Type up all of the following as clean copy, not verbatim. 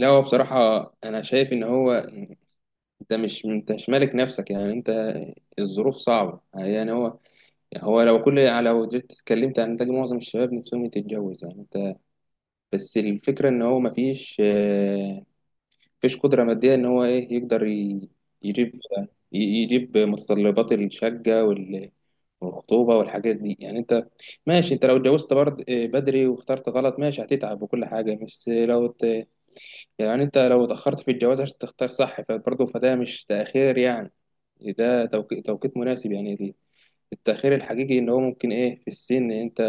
لا، هو بصراحة أنا شايف إن هو أنت مش مالك نفسك، يعني أنت، الظروف صعبة، يعني هو لو جيت اتكلمت عن ده، معظم الشباب نفسهم يتجوز، يعني أنت، بس الفكرة إن هو مفيش قدرة مادية، إن هو إيه يقدر يجيب يجيب متطلبات الشقة والخطوبة والحاجات دي، يعني أنت، ماشي أنت لو اتجوزت برضه بدري واخترت غلط، ماشي هتتعب وكل حاجة، يعني انت لو اتأخرت في الجواز عشان تختار صح فبرضه فده مش تأخير، يعني ده توقيت مناسب، يعني دي، التأخير الحقيقي ان هو ممكن ايه في السن، انت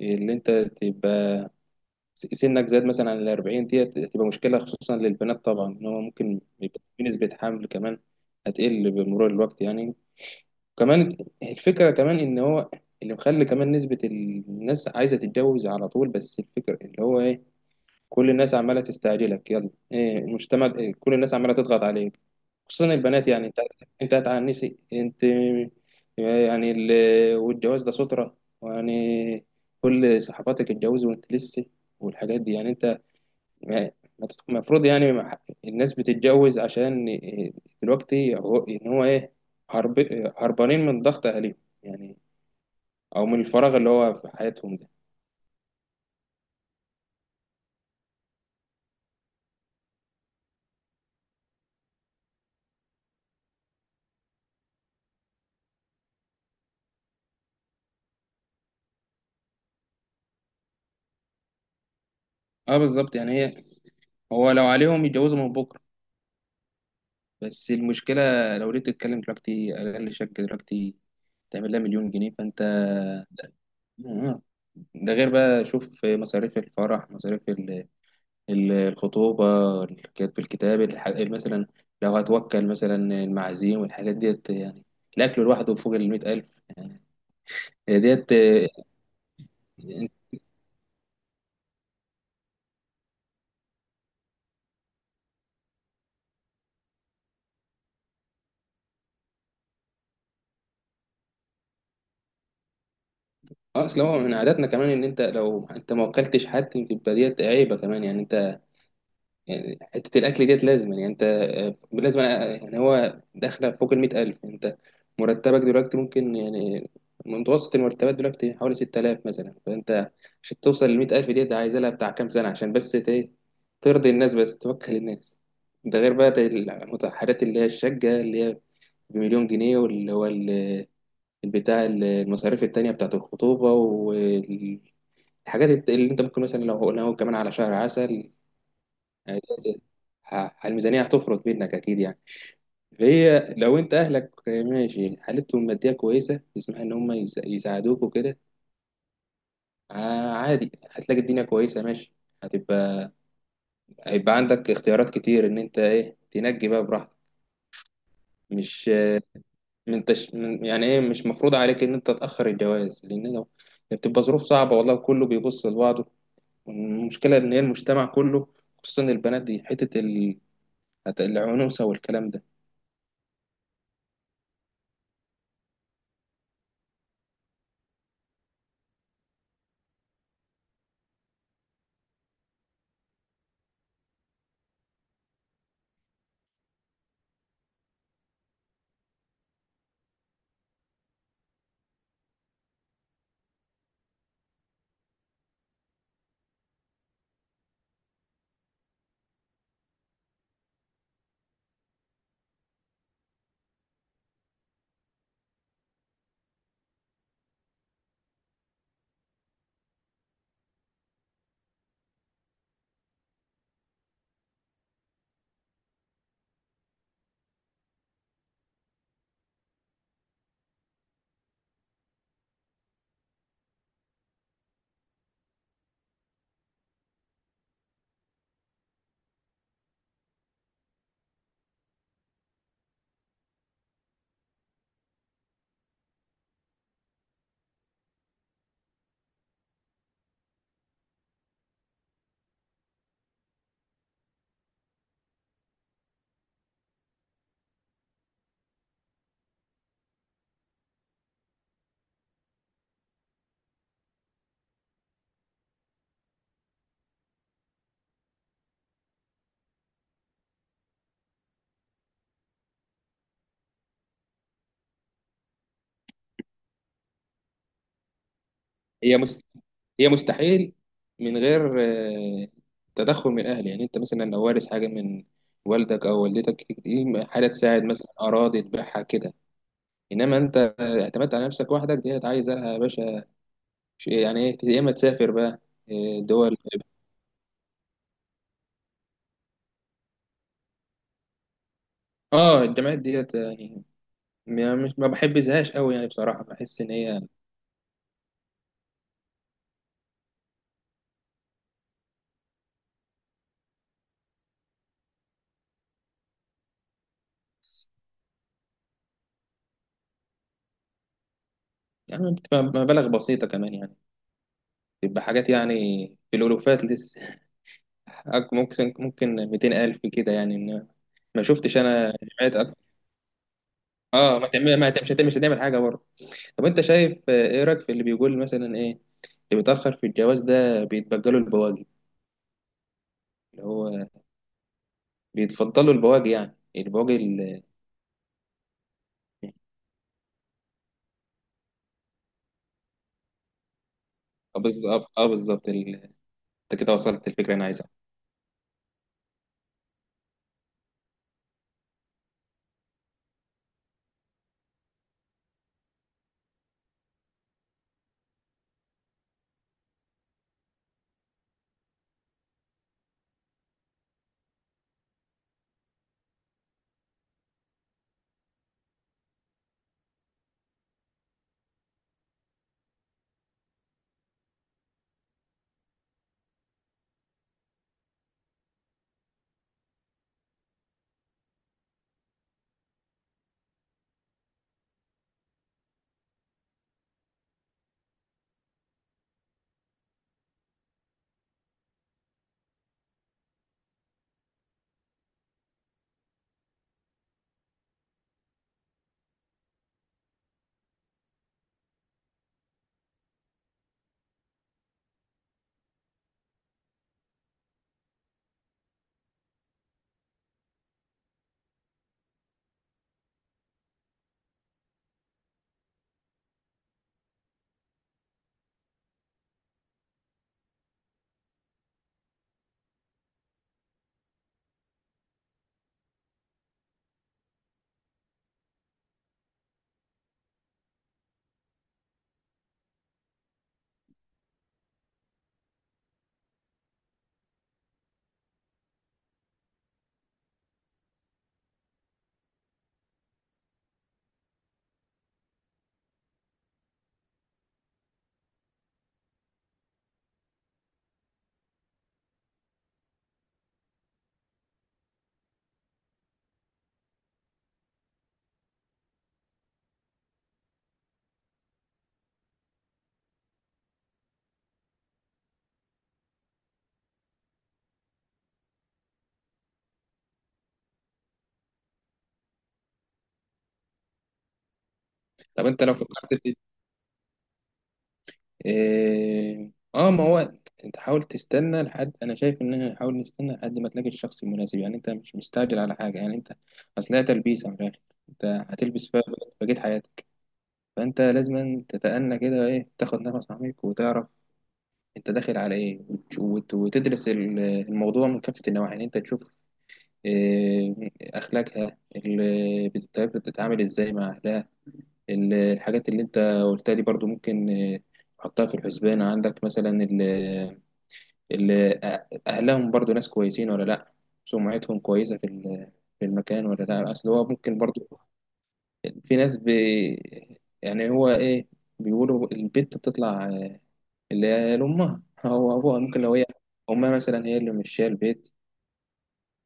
اللي انت تبقى سنك زاد مثلا عن الأربعين، دي هتبقى مشكلة خصوصا للبنات طبعا، ان هو ممكن يبقى في نسبة حمل كمان هتقل بمرور الوقت، يعني كمان، الفكرة كمان ان هو اللي مخلي كمان نسبة الناس عايزة تتجوز على طول، بس الفكرة اللي هو ايه، كل الناس عماله تستعجلك، يلا ايه المجتمع، إيه، كل الناس عماله تضغط عليك، خصوصا البنات، يعني انت هتعنسي، انت، يعني والجواز ده سترة، يعني كل صحباتك اتجوزوا وانت لسه، والحاجات دي، يعني انت، ما- ما تت- المفروض، يعني ما ح- الناس بتتجوز عشان إيه؟ دلوقتي هو ان هو ايه، هرب... هربانين من ضغط اهاليهم، يعني او من الفراغ اللي هو في حياتهم ده. اه بالظبط، يعني هي، هو لو عليهم يتجوزوا من بكره، بس المشكلة، لو ريت تتكلم دلوقتي أقل شركة دلوقتي تعمل لها مليون جنيه، فأنت آه. ده غير بقى شوف مصاريف الفرح، مصاريف الخطوبة، الكتاب مثلا، لو هتوكل مثلا المعازيم والحاجات ديت، يعني الأكل لوحده فوق المئة ألف، يعني هي ديت أصلا هو من عاداتنا كمان إن أنت، لو أنت ما وكلتش حد يبقى ديت عيبة كمان، يعني يعني حتة الأكل ديت لازم، يعني أنت يعني هو داخلة فوق المئة ألف، أنت مرتبك دلوقتي ممكن، يعني متوسط المرتبات دلوقتي حوالي ستة آلاف مثلا، فأنت عشان توصل للمئة ألف ديت عايز لها بتاع كام سنة عشان ترضي الناس، بس توكل الناس، ده غير بقى المتحرات اللي هي الشقة، اللي هي بمليون جنيه، واللي هو البتاع المصاريف التانية بتاعة الخطوبة والحاجات، اللي أنت ممكن مثلا لو قلنا هو كمان على شهر عسل، يعني الميزانية هتفرط منك أكيد، يعني فهي لو أنت أهلك ماشي حالتهم المادية كويسة يسمح إن هم يساعدوك وكده، عادي هتلاقي الدنيا كويسة ماشي، هتبقى هيبقى عندك اختيارات كتير إن أنت إيه تنجي بقى براحتك، مش من تش... من يعني إيه، مش مفروض عليك إن أنت تأخر الجواز، لأن لو بتبقى ظروف صعبة، والله كله بيبص لبعضه، والمشكلة إن هي المجتمع كله، خصوصا البنات، دي حتة العنوسة والكلام ده. هي مست... هي مستحيل من غير آه، تدخل من الاهل، يعني انت مثلا لو وارث حاجه من والدك او والدتك دي حاجه تساعد، مثلا اراضي تبيعها كده، انما انت اعتمدت على نفسك وحدك دي عايزه لها يا باشا، يعني ايه، يا اما تسافر بقى. دول، اه الجامعات ديت، يعني مش ما بحبذهاش قوي، يعني بصراحه بحس ان هي، يعني بتبقى مبالغ بسيطه كمان، يعني بتبقى حاجات يعني في الالوفات، ممكن 200,000 كده، يعني إن ما شفتش أنا جمعيات ما تعمل ما تعمل- مش هتعمل حاجة برضه. طب أنت شايف، إيه رأيك في اللي بيقول مثلا إيه، اللي بيتأخر في الجواز ده بيتبجلوا البواجي، اللي هو بيتفضلوا البواجي، يعني البواجي، آه، بالظبط، آه بالظبط، أنت كده وصلت الفكرة اللي أنا عايزها. طب أنت لو فكرت، إيه، اه ما هو انت حاول تستنى لحد، انا شايف ان احنا نحاول نستنى لحد ما تلاقي الشخص المناسب، يعني انت مش مستعجل على حاجه، يعني انت، اصل هي تلبيسه من الاخر، انت هتلبس فيها بقيت حياتك، فانت لازم تتأنى كده، ايه، تاخد نفس عميق وتعرف انت داخل على ايه، وتدرس الموضوع من كافه النواحي، يعني انت تشوف إيه، اخلاقها، بتتعامل ازاي مع اهلها، الحاجات اللي انت قلتها دي برضو، ممكن حطها في الحسبان عندك مثلا، اللي أهلهم برضو ناس كويسين ولا لأ، سمعتهم كويسة في المكان ولا لأ، أصل هو ممكن برضو في ناس يعني هو إيه بيقولوا البنت بتطلع اللي هي لأمها، هو أبوها ممكن، لو هي أمها مثلا هي اللي مشية البيت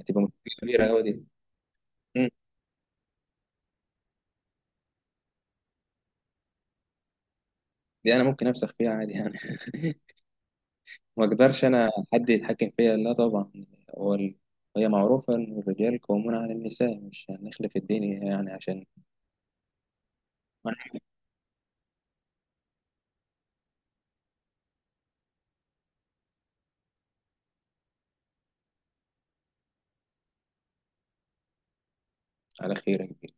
هتبقى مشكلة كبيرة أوي دي. مم. دي أنا ممكن أفسخ فيها عادي، يعني ما أقدرش أنا حد يتحكم فيا، لا طبعا. هو ال- هي معروفة إن الرجال قوامون على النساء، مش هنخلف الدين يعني عشان، على خير يا كبير.